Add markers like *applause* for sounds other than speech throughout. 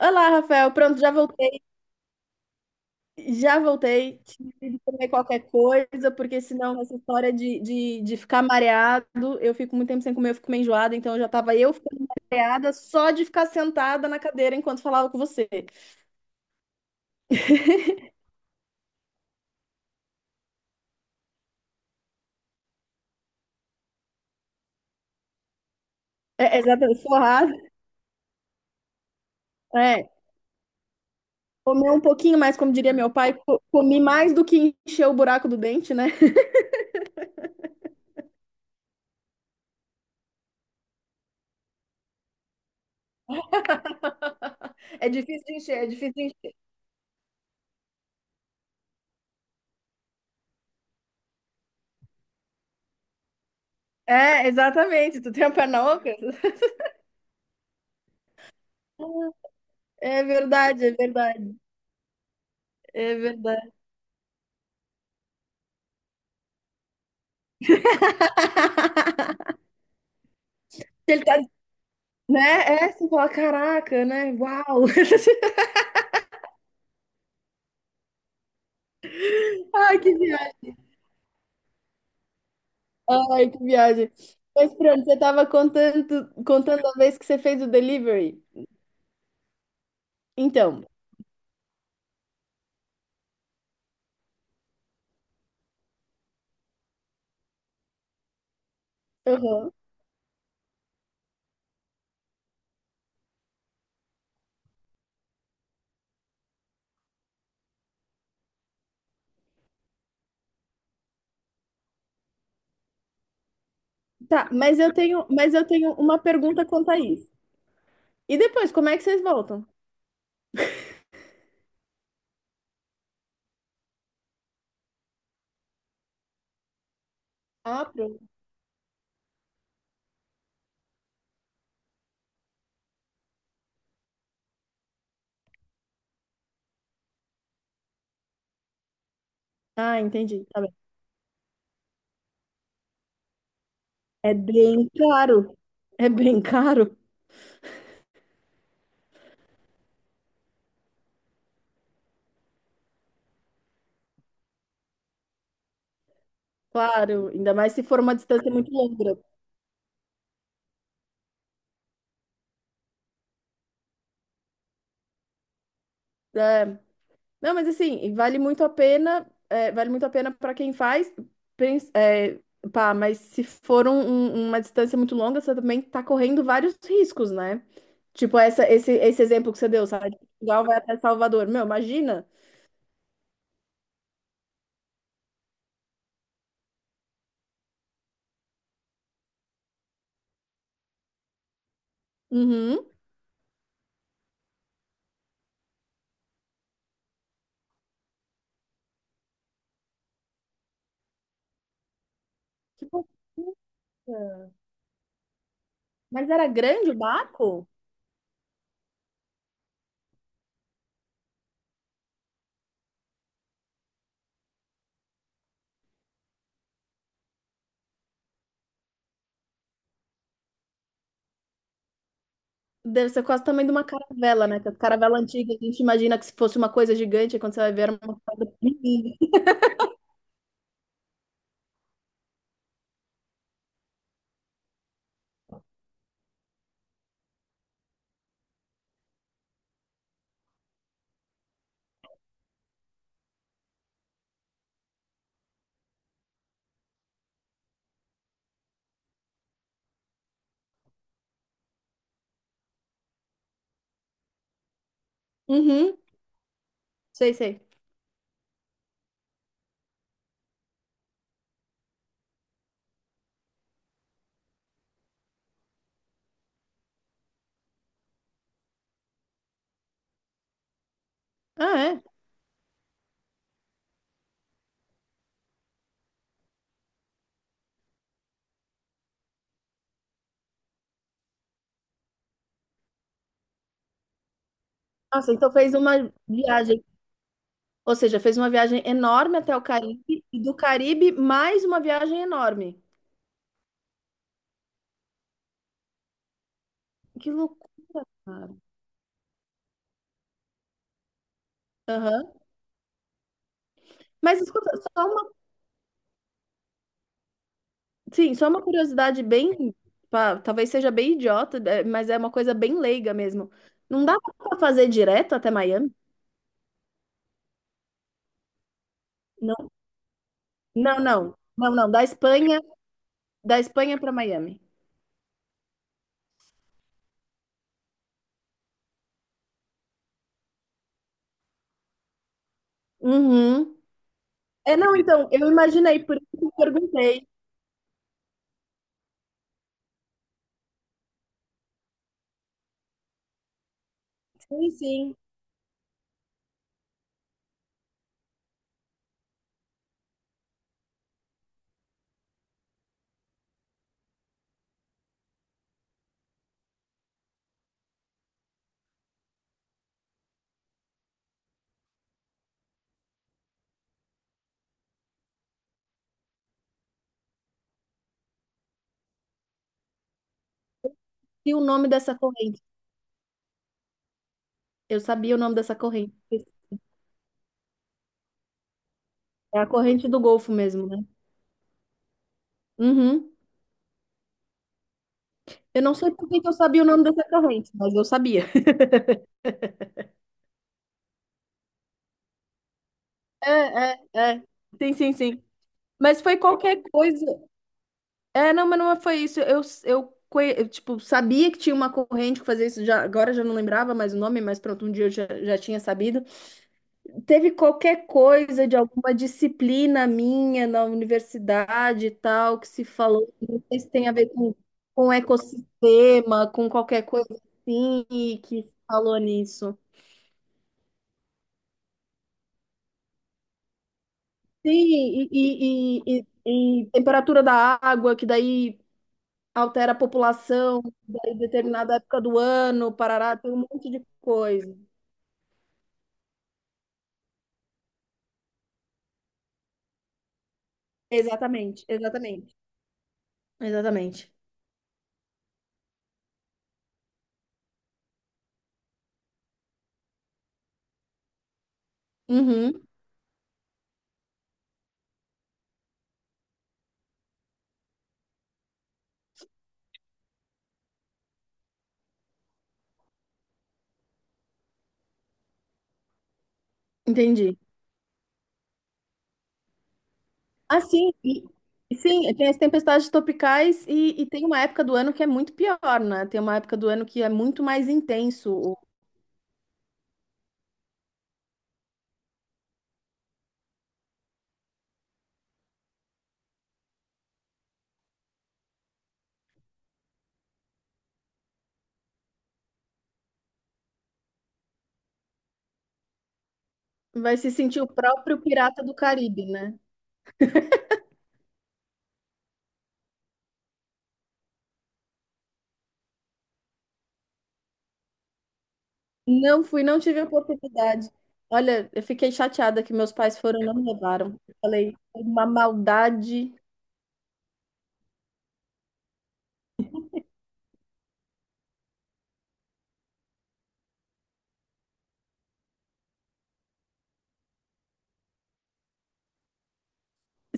Olá, Rafael. Pronto, já voltei. Já voltei. Tive que comer qualquer coisa, porque senão essa história de ficar mareado, eu fico muito tempo sem comer, eu fico meio enjoada, então eu já tava eu ficando mareada só de ficar sentada na cadeira enquanto falava com você. É, exatamente, forrada. É, comer um pouquinho mais, como diria meu pai, comi mais do que encher o buraco do dente, né? É difícil de encher, é difícil de encher. É, exatamente. Tu tem a perna oca? *laughs* É verdade, é verdade. É verdade. *laughs* Ele tá, né? É, você fala, caraca, né? Uau! *laughs* Ai, que viagem. Ai, que viagem. Mas pronto, você tava contando, contando a vez que você fez o delivery. Então, uhum. Tá, mas eu tenho uma pergunta quanto a isso. E depois, como é que vocês voltam? Ah, pronto. Ah, entendi. Tá bem. É bem caro. É bem caro. Claro, ainda mais se for uma distância muito longa. É, não, mas assim, e vale muito a pena, é, vale muito a pena para quem faz, é, pá, mas se for um- um- uma distância muito longa, você também tá correndo vários riscos, né? Tipo, esse exemplo que você deu, sai de Portugal, vai até Salvador. Meu, imagina. Uhum. Que loucura. Mas era grande o barco? Deve ser quase o tamanho de uma caravela, né? Que a caravela antiga, a gente imagina que se fosse uma coisa gigante, aí quando você vai ver, era uma coisa pequenininha. Uhum, sei, sei. Ah, é? Nossa, então fez uma viagem. Ou seja, fez uma viagem enorme até o Caribe e do Caribe mais uma viagem enorme. Que loucura, cara. Aham. Mas escuta, sim, só uma curiosidade bem, pá, talvez seja bem idiota, é, mas é uma coisa bem leiga mesmo. Não dá pra fazer direto até Miami? Não, não, não. Não, não, da Espanha para Miami. Uhum. É, não, então, eu imaginei, por isso que eu perguntei. Sim, sim. E o nome dessa corrente? Eu sabia o nome dessa corrente. É a corrente do Golfo mesmo, né? Uhum. Eu não sei por que que eu sabia o nome dessa corrente, mas eu sabia. *laughs* É, é, é. Sim, sim, sim. Mas foi qualquer coisa. É, não, mas não é, foi isso. Eu, tipo, sabia que tinha uma corrente que fazia isso. Já, agora eu já não lembrava mais o nome, mas pronto, um dia eu já, já tinha sabido. Teve qualquer coisa de alguma disciplina minha na universidade e tal, que se falou, não sei se tem a ver com ecossistema, com qualquer coisa assim, e que se falou nisso. Sim, e temperatura da água, que daí altera a população, daí determinada época do ano, parará, tem um monte de coisa. Exatamente, exatamente, exatamente. Uhum, entendi. Ah, sim, e sim, tem as tempestades tropicais e tem uma época do ano que é muito pior, né? Tem uma época do ano que é muito mais intenso. Vai se sentir o próprio pirata do Caribe, né? Não fui, não tive a oportunidade. Olha, eu fiquei chateada que meus pais foram e não me levaram. Falei, "É uma maldade.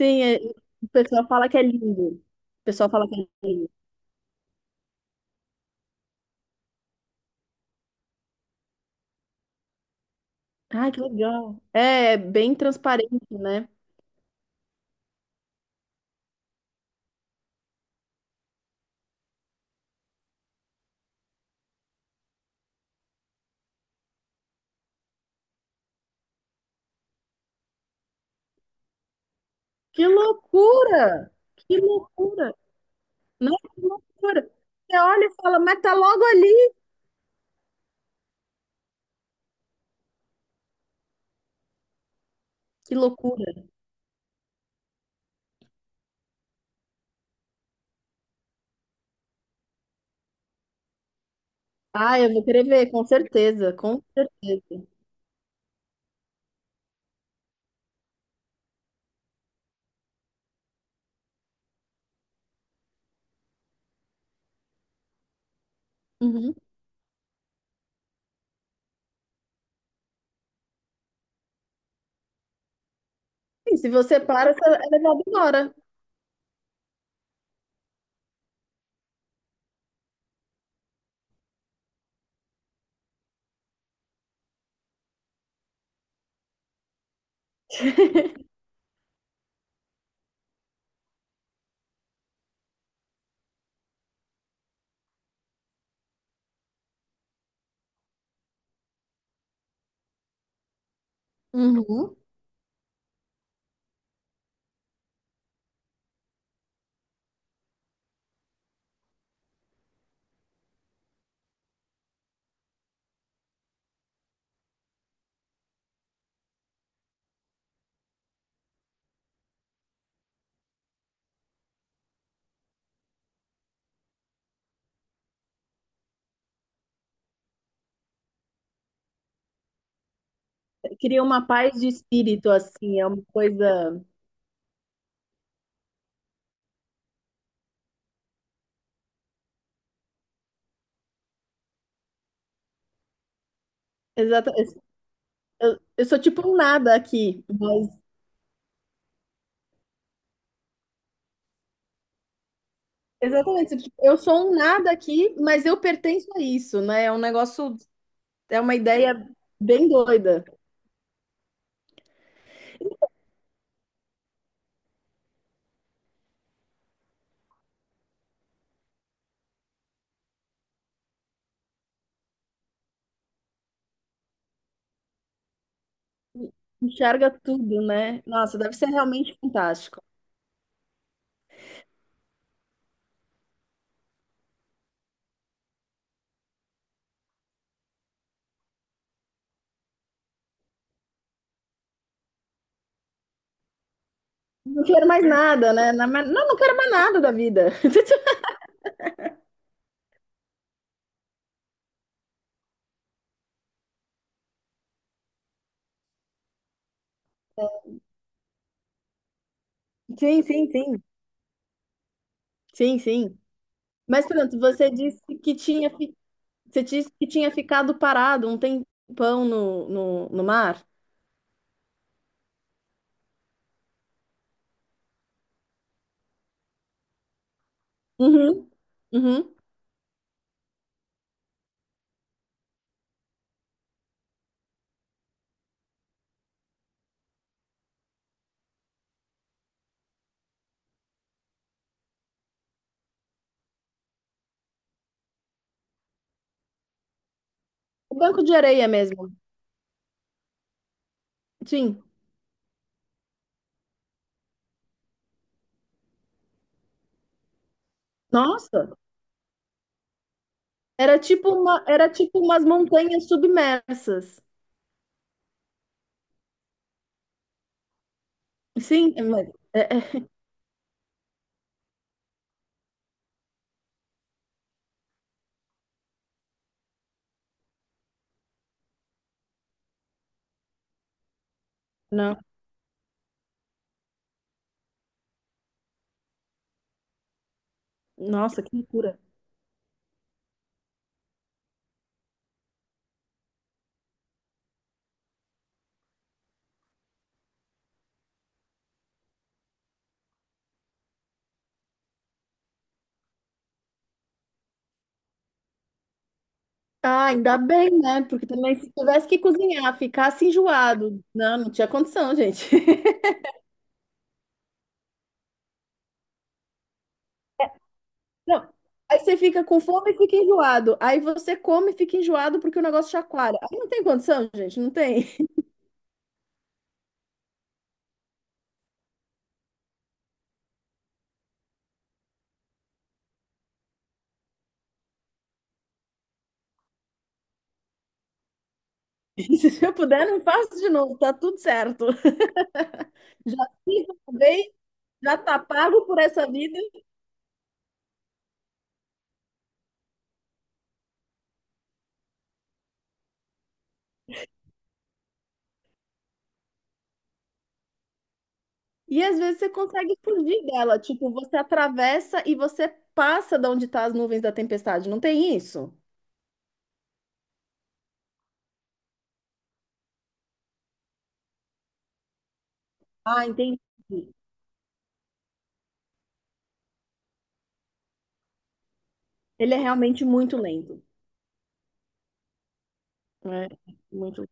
Sim, o pessoal fala que é lindo. O pessoal fala que é lindo. Ai, que legal. É, é bem transparente, né? Que loucura! Que loucura! Nossa, que loucura! Você olha e fala, mas tá logo ali. Que loucura. Ah, eu vou querer ver, com certeza, com certeza. Uhum. E se você para, você é levado embora. Uhum. Cria uma paz de espírito, assim, é uma coisa. Exata... eu sou tipo um nada aqui, mas. Exatamente, tipo, eu sou um nada aqui, mas eu pertenço a isso, né? É um negócio, é uma ideia bem doida. Enxerga tudo, né? Nossa, deve ser realmente fantástico. Não quero mais nada, né? Não, não quero mais nada da vida. *laughs* Sim, sim, sim. Sim, sim. Mas, pronto, você disse que tinha ficado parado um tempão no, no, no mar. Uhum, uhum. O banco de areia mesmo. Sim. Nossa, era tipo umas montanhas submersas. Sim, mas, é, não. Nossa, que loucura. Ah, ainda bem, né? Porque também se tivesse que cozinhar, ficasse enjoado. Não, não tinha condição, gente. Não. Aí você fica com fome e fica enjoado. Aí você come e fica enjoado porque o negócio chacoalha. Aí não tem condição, gente, não tem. *laughs* Se eu puder, não faço de novo, tá tudo certo. Já fiz uma vez, já tá pago por essa vida. E às vezes você consegue fugir dela. Tipo, você atravessa e você passa de onde tá as nuvens da tempestade. Não tem isso? Ah, entendi. Ele é realmente muito lento. É, muito.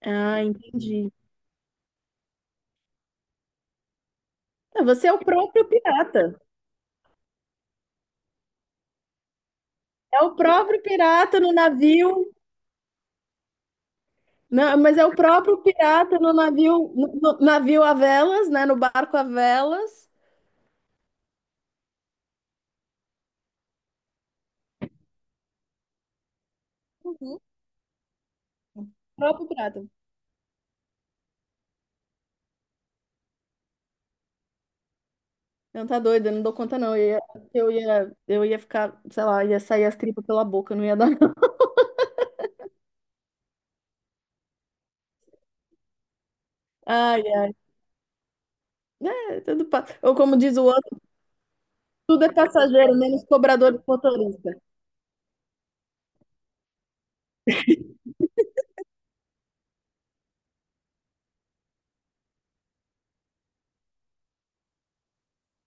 Ah, entendi. Ah, você é o próprio pirata. É o próprio pirata no navio, né? Mas é o próprio pirata no navio, no navio a velas, né? No barco a velas. Uhum. O próprio pirata. Não, tá doido, eu não dou conta, não. Eu ia ficar, sei lá, ia sair as tripas pela boca, não ia dar. *laughs* Ai, ai. É, ou como diz o outro, tudo é passageiro, menos cobrador de motorista.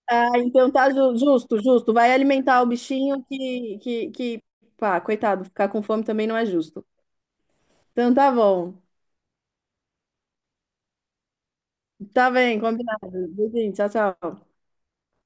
Ah, então tá justo, justo. Vai alimentar o bichinho que, pá, coitado, ficar com fome também não é justo. Então tá bom. Tá bem, combinado. Beijinho, tchau, tchau.